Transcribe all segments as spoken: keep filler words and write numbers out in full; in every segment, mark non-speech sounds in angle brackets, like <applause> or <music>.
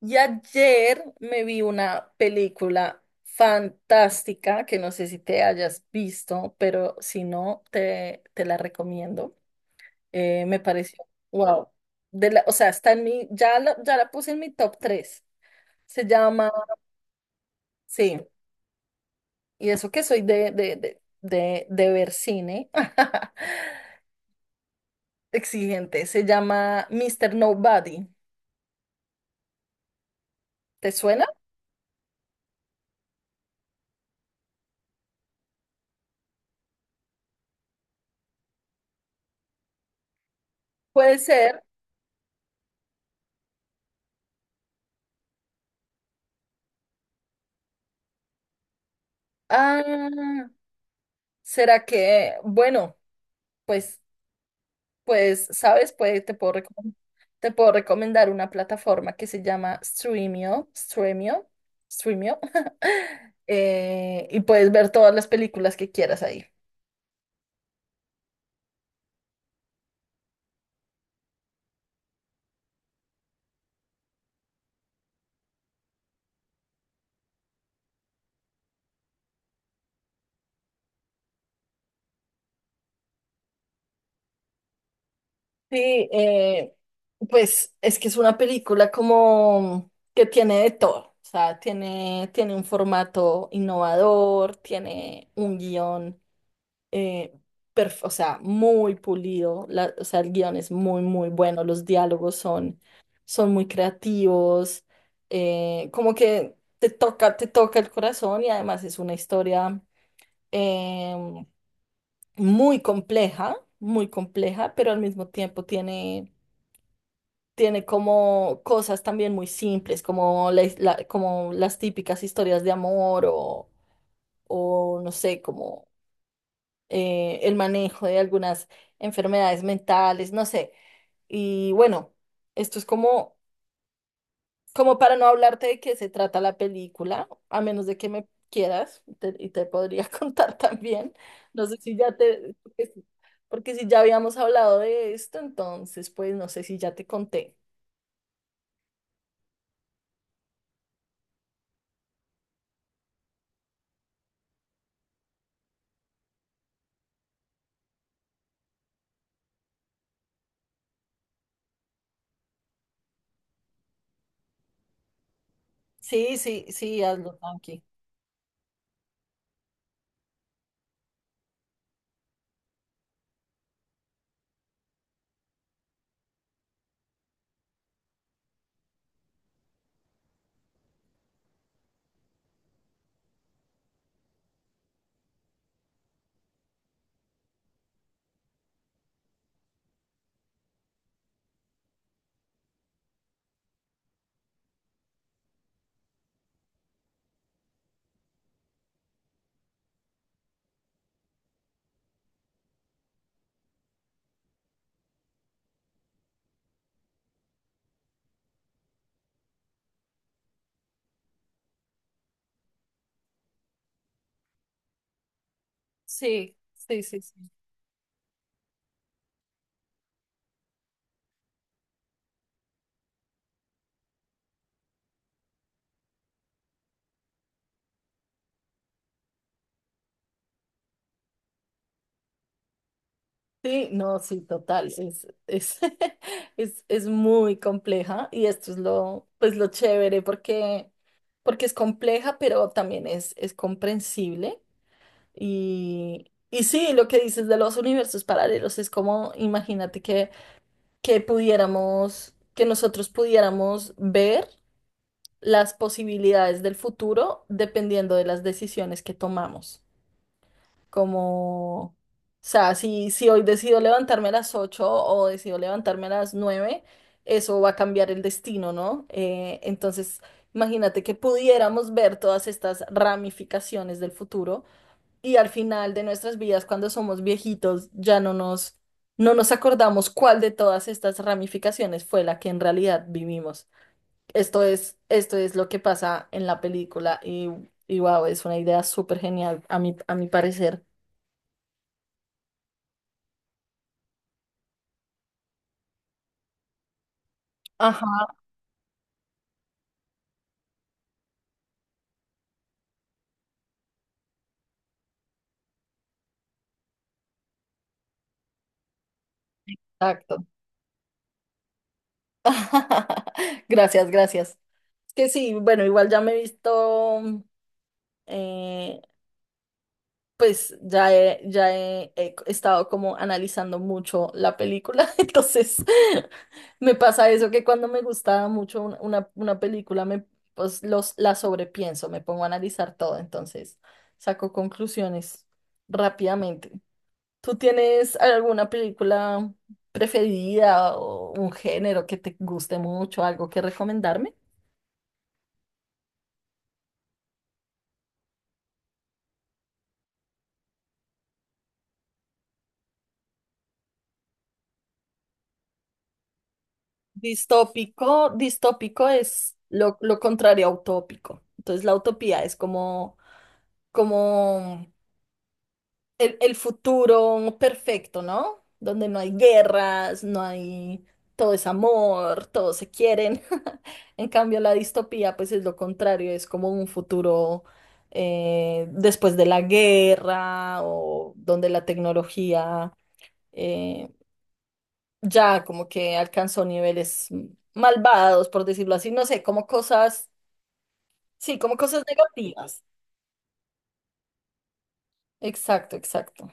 Y ayer me vi una película fantástica que no sé si te hayas visto, pero si no, te, te la recomiendo. Eh, me pareció, wow. De la, o sea, está en mi, ya la, ya la puse en mi top tres. Se llama, sí, y eso que soy de, de, de, de, de ver cine, <laughs> exigente. Se llama Mister Nobody. ¿Te suena? Puede ser. Ah, ¿será que, bueno, pues Pues, ¿sabes? Puede, te puedo recomendar, te puedo recomendar una plataforma que se llama Streamio, Streamio, Streamio, <laughs> eh, y puedes ver todas las películas que quieras ahí. Sí, eh, pues es que es una película como que tiene de todo. O sea, tiene, tiene un formato innovador, tiene un guión. eh, perf- o sea, muy pulido, la- o sea, el guión es muy, muy bueno, los diálogos son, son muy creativos. Eh, como que te toca, te toca el corazón, y además es una historia em, muy compleja, muy compleja, pero al mismo tiempo tiene... Tiene como cosas también muy simples, como la his- la- como las típicas historias de amor o, o no sé, eh, el manejo de algunas enfermedades mentales, no sé. Y bueno, esto es como, como para no hablarte de qué se trata la película, a menos de que me quieras te- y te podría <laughs> contar también. No sé si ya te, porque si porque si ya habíamos hablado de esto, entonces pues no sé si ya te conté. Sí, sí, sí, hazlo, tranqui. Sí, sí, sí, sí. Sí, no, sí, total, es, es, <laughs> es, es muy compleja, y esto es lo, pues lo chévere porque, porque es compleja, pero también es, es comprensible. Y, y sí, lo que dices de los universos paralelos es como, imagínate que, que pudiéramos, que nosotros pudiéramos ver las posibilidades del futuro dependiendo de las decisiones que tomamos. Como, o sea, si, si hoy decido levantarme a las ocho o decido levantarme a las nueve, eso va a cambiar el destino, ¿no? Eh, entonces, imagínate que pudiéramos ver todas estas ramificaciones del futuro, y al final de nuestras vidas, cuando somos viejitos, ya no nos, no nos acordamos cuál de todas estas ramificaciones fue la que en realidad vivimos. Esto es, esto es lo que pasa en la película, y, y wow, es una idea súper genial a mi, a mi parecer. Exacto. <laughs> Gracias, gracias. Es que sí, bueno, igual ya me he visto, eh, pues ya he, ya he, he estado como analizando mucho la película, <laughs> entonces <laughs> me pasa eso que cuando me gusta mucho un- una, una película, me, pues los, la sobrepienso, me pongo a analizar todo, entonces saco conclusiones rápidamente. ¿Tú tienes alguna película preferida o un género que te guste mucho, algo que recomendarme? Distópico, distópico es lo, lo contrario a utópico. Entonces la utopía es como, como el, el futuro perfecto, ¿no? Donde no hay guerras, no hay, todo es amor, todos se quieren. <laughs> En cambio, la distopía, pues es lo contrario, es como un futuro, eh, después de la guerra, o donde la tecnología, eh, ya como que alcanzó niveles malvados, por decirlo así, no sé, como cosas, sí, como cosas negativas. Exacto, exacto.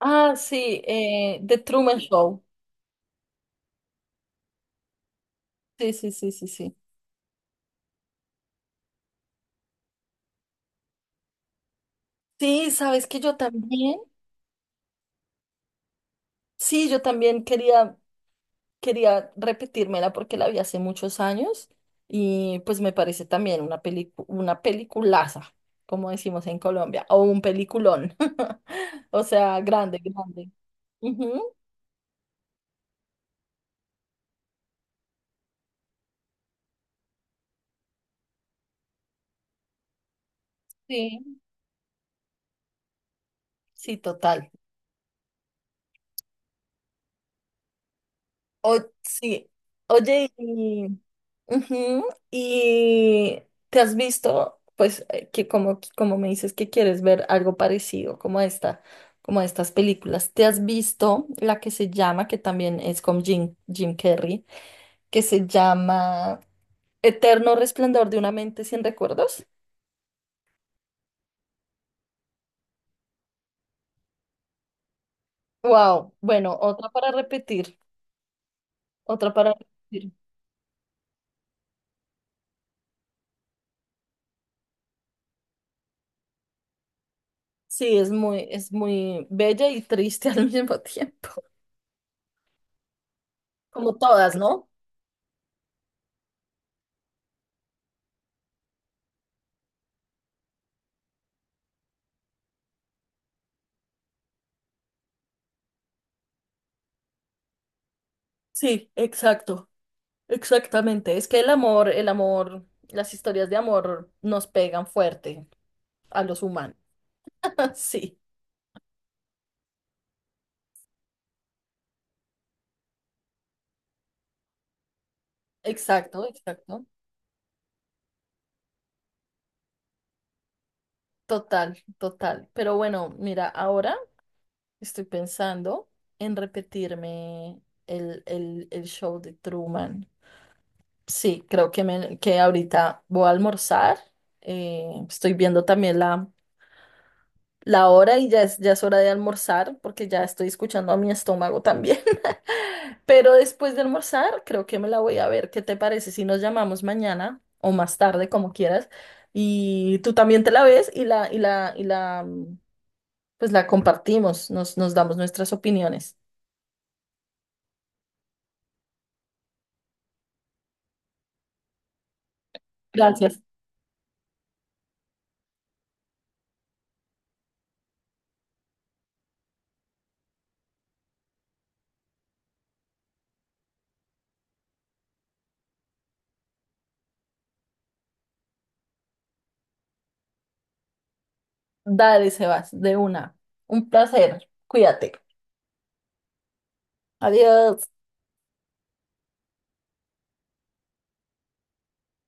Ah, sí, eh, The Truman Show. Sí, sí, sí, sí, sí. Sí, sabes que yo también, sí, yo también quería, quería repetírmela porque la vi hace muchos años, y pues me parece también una pelicu- una peliculaza, como decimos en Colombia, o un peliculón, <laughs> o sea, grande, grande. Ujú, sí, sí, total. O, sí, oye, ujú, y te has visto, pues, eh, que como, como me dices que quieres ver algo parecido como a esta, como a estas películas, ¿te has visto la que se llama, que también es con Jim, Jim Carrey, que se llama Eterno Resplandor de una mente sin recuerdos? Wow, bueno, otra para repetir, otra para repetir. Sí, es muy, es muy bella y triste <laughs> al mismo tiempo, como todas, ¿no? Sí, exacto. Exactamente, es que el amor, el amor, las historias de amor nos pegan fuerte a los humanos. <laughs> Sí, exacto, exacto. Total, total. Pero bueno, mira, ahora estoy pensando en repetirme el, el, el show de Truman. Sí, creo que, me, que ahorita voy a almorzar. Eh, estoy viendo también la... la hora, y ya es, ya es hora de almorzar porque ya estoy escuchando a mi estómago también. <laughs> Pero después de almorzar, creo que me la voy a ver. ¿Qué te parece si nos llamamos mañana o más tarde, como quieras? Y tú también te la ves, y la, y la, y la, mm, pues la compartimos, nos, nos damos nuestras opiniones. Gracias. Dale, Sebas, de una. Un placer. Cuídate. Adiós.